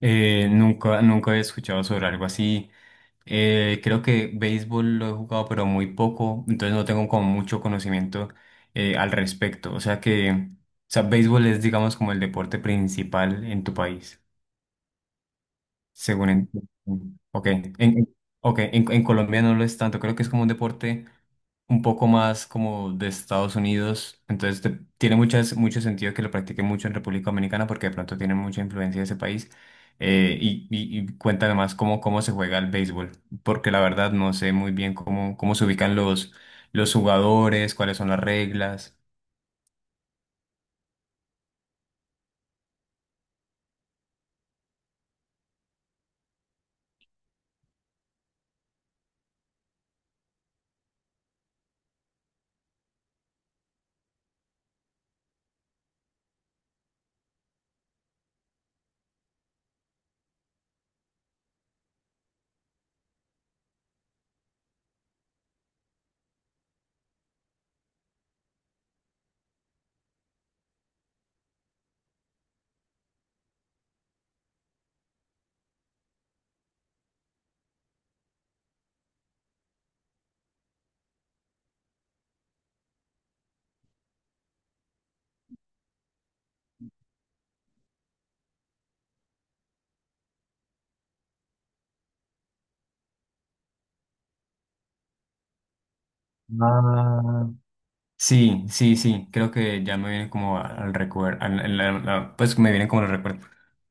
Nunca he escuchado sobre algo así. Creo que béisbol lo he jugado, pero muy poco, entonces no tengo como mucho conocimiento al respecto. O sea, béisbol es, digamos, como el deporte principal en tu país. Según entiendo. Ok. Ok, en Colombia no lo es tanto. Creo que es como un deporte un poco más como de Estados Unidos. Entonces tiene mucho sentido que lo practique mucho en República Dominicana porque de pronto tiene mucha influencia de ese país. Y cuéntame más cómo se juega el béisbol, porque la verdad no sé muy bien cómo se ubican los jugadores, cuáles son las reglas. Ah, sí, sí, sí, creo que ya me vienen como al recuerdo, pues me vienen como el recuerdo.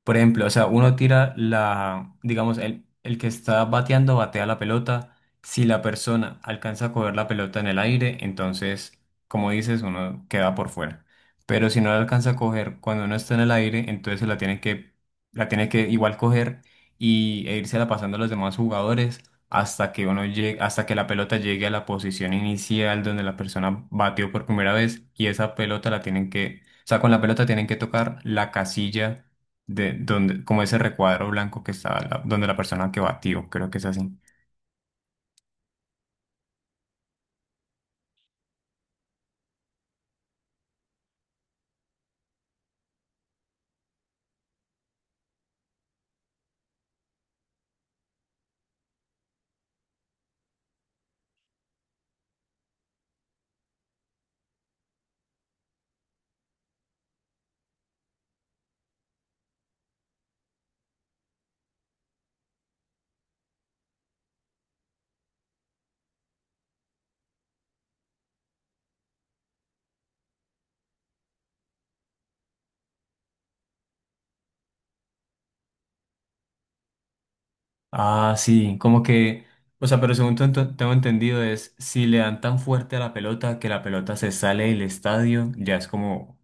Por ejemplo, o sea, uno tira la, digamos, el que está bateando batea la pelota. Si la persona alcanza a coger la pelota en el aire, entonces, como dices, uno queda por fuera. Pero si no la alcanza a coger cuando uno está en el aire, entonces la tiene que igual coger y, e irse la pasando a los demás jugadores hasta que la pelota llegue a la posición inicial donde la persona batió por primera vez y esa pelota la tienen que, o sea, con la pelota tienen que tocar la casilla de donde, como ese recuadro blanco que está donde la persona que batió, creo que es así. Ah, sí, como que, o sea, pero según tengo entendido es si le dan tan fuerte a la pelota que la pelota se sale del estadio, ya es como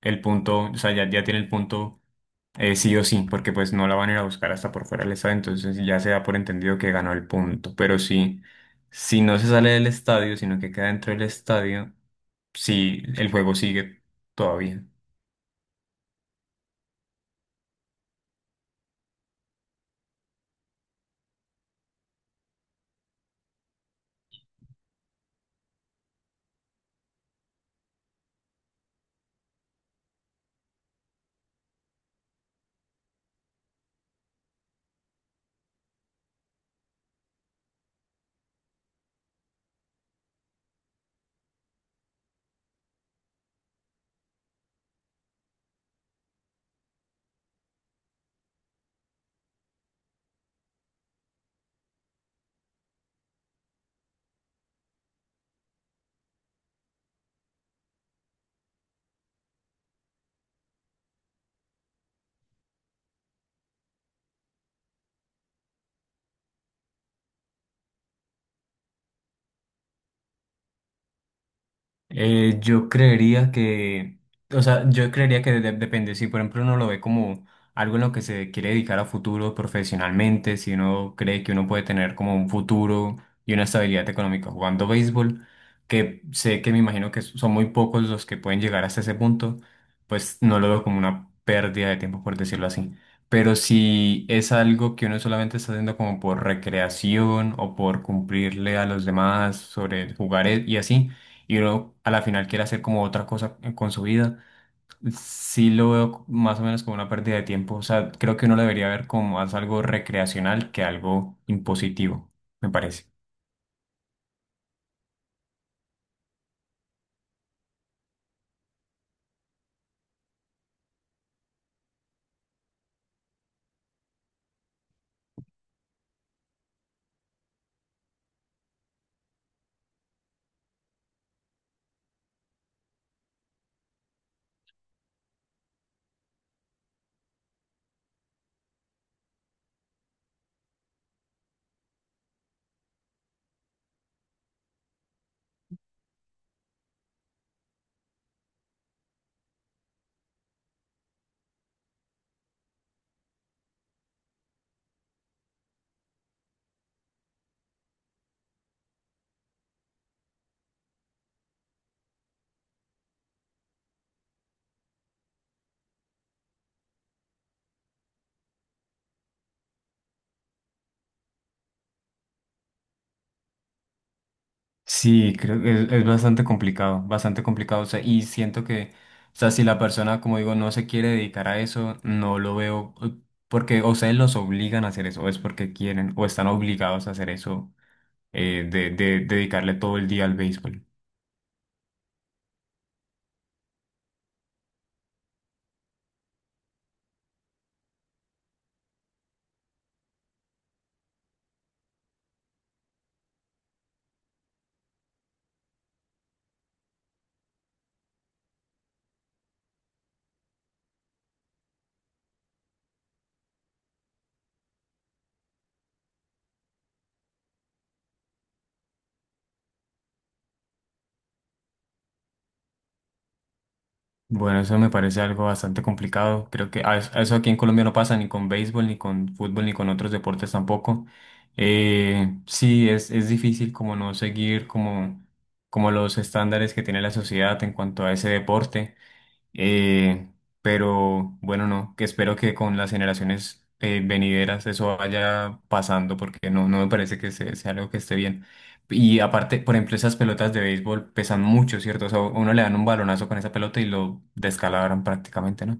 el punto, o sea, ya, ya tiene el punto. Sí o sí, porque pues no la van a ir a buscar hasta por fuera del estadio, entonces ya se da por entendido que ganó el punto. Pero sí, si no se sale del estadio, sino que queda dentro del estadio, sí, el juego sigue todavía. Eh, yo creería que, yo creería que depende, si por ejemplo uno lo ve como algo en lo que se quiere dedicar a futuro profesionalmente, si uno cree que uno puede tener como un futuro y una estabilidad económica jugando béisbol, que sé que me imagino que son muy pocos los que pueden llegar hasta ese punto, pues no lo veo como una pérdida de tiempo, por decirlo así. Pero si es algo que uno solamente está haciendo como por recreación o por cumplirle a los demás sobre jugar y así, y uno a la final quiere hacer como otra cosa con su vida, sí lo veo más o menos como una pérdida de tiempo. O sea, creo que uno lo debería ver como más algo recreacional que algo impositivo, me parece. Sí, creo que es bastante complicado, bastante complicado. O sea, y siento que, o sea, si la persona, como digo, no se quiere dedicar a eso, no lo veo porque o sea, los obligan a hacer eso, o es porque quieren, o están obligados a hacer eso, de dedicarle todo el día al béisbol. Bueno, eso me parece algo bastante complicado. Creo que a eso aquí en Colombia no pasa ni con béisbol, ni con fútbol, ni con otros deportes tampoco. Es difícil como no seguir como, como los estándares que tiene la sociedad en cuanto a ese deporte. Eh, pero bueno, no, que espero que con las generaciones venideras eso vaya pasando porque no, no me parece que sea algo que esté bien. Y aparte, por ejemplo, esas pelotas de béisbol pesan mucho, ¿cierto? O sea, uno le dan un balonazo con esa pelota y lo descalabran prácticamente, ¿no?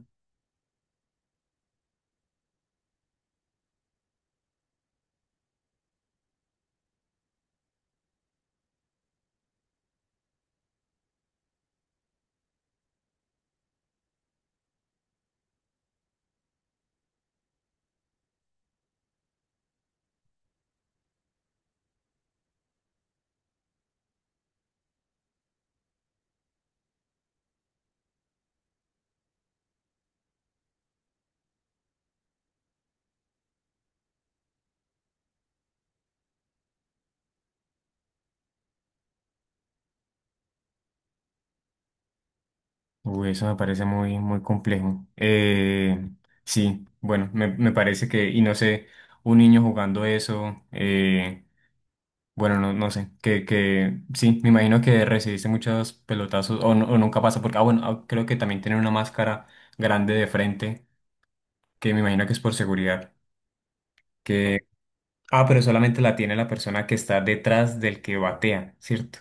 Uy, eso me parece muy complejo. Sí, bueno, me parece que, y no sé, un niño jugando eso. Bueno, no, no sé, que sí, me imagino que recibiste muchos pelotazos o, o nunca pasa porque, ah, bueno, ah, creo que también tienen una máscara grande de frente, que me imagino que es por seguridad, que, ah, pero solamente la tiene la persona que está detrás del que batea, ¿cierto?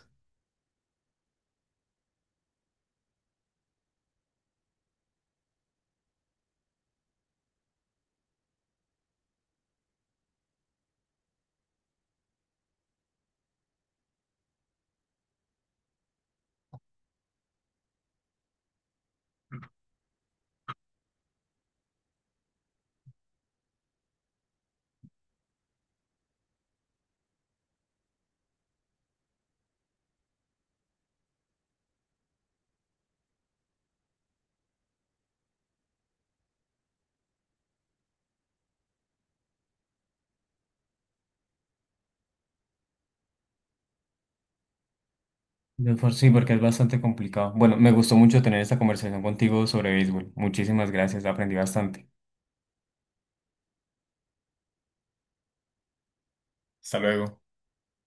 De por sí, porque es bastante complicado. Bueno, me gustó mucho tener esta conversación contigo sobre béisbol. Muchísimas gracias, aprendí bastante. Hasta luego.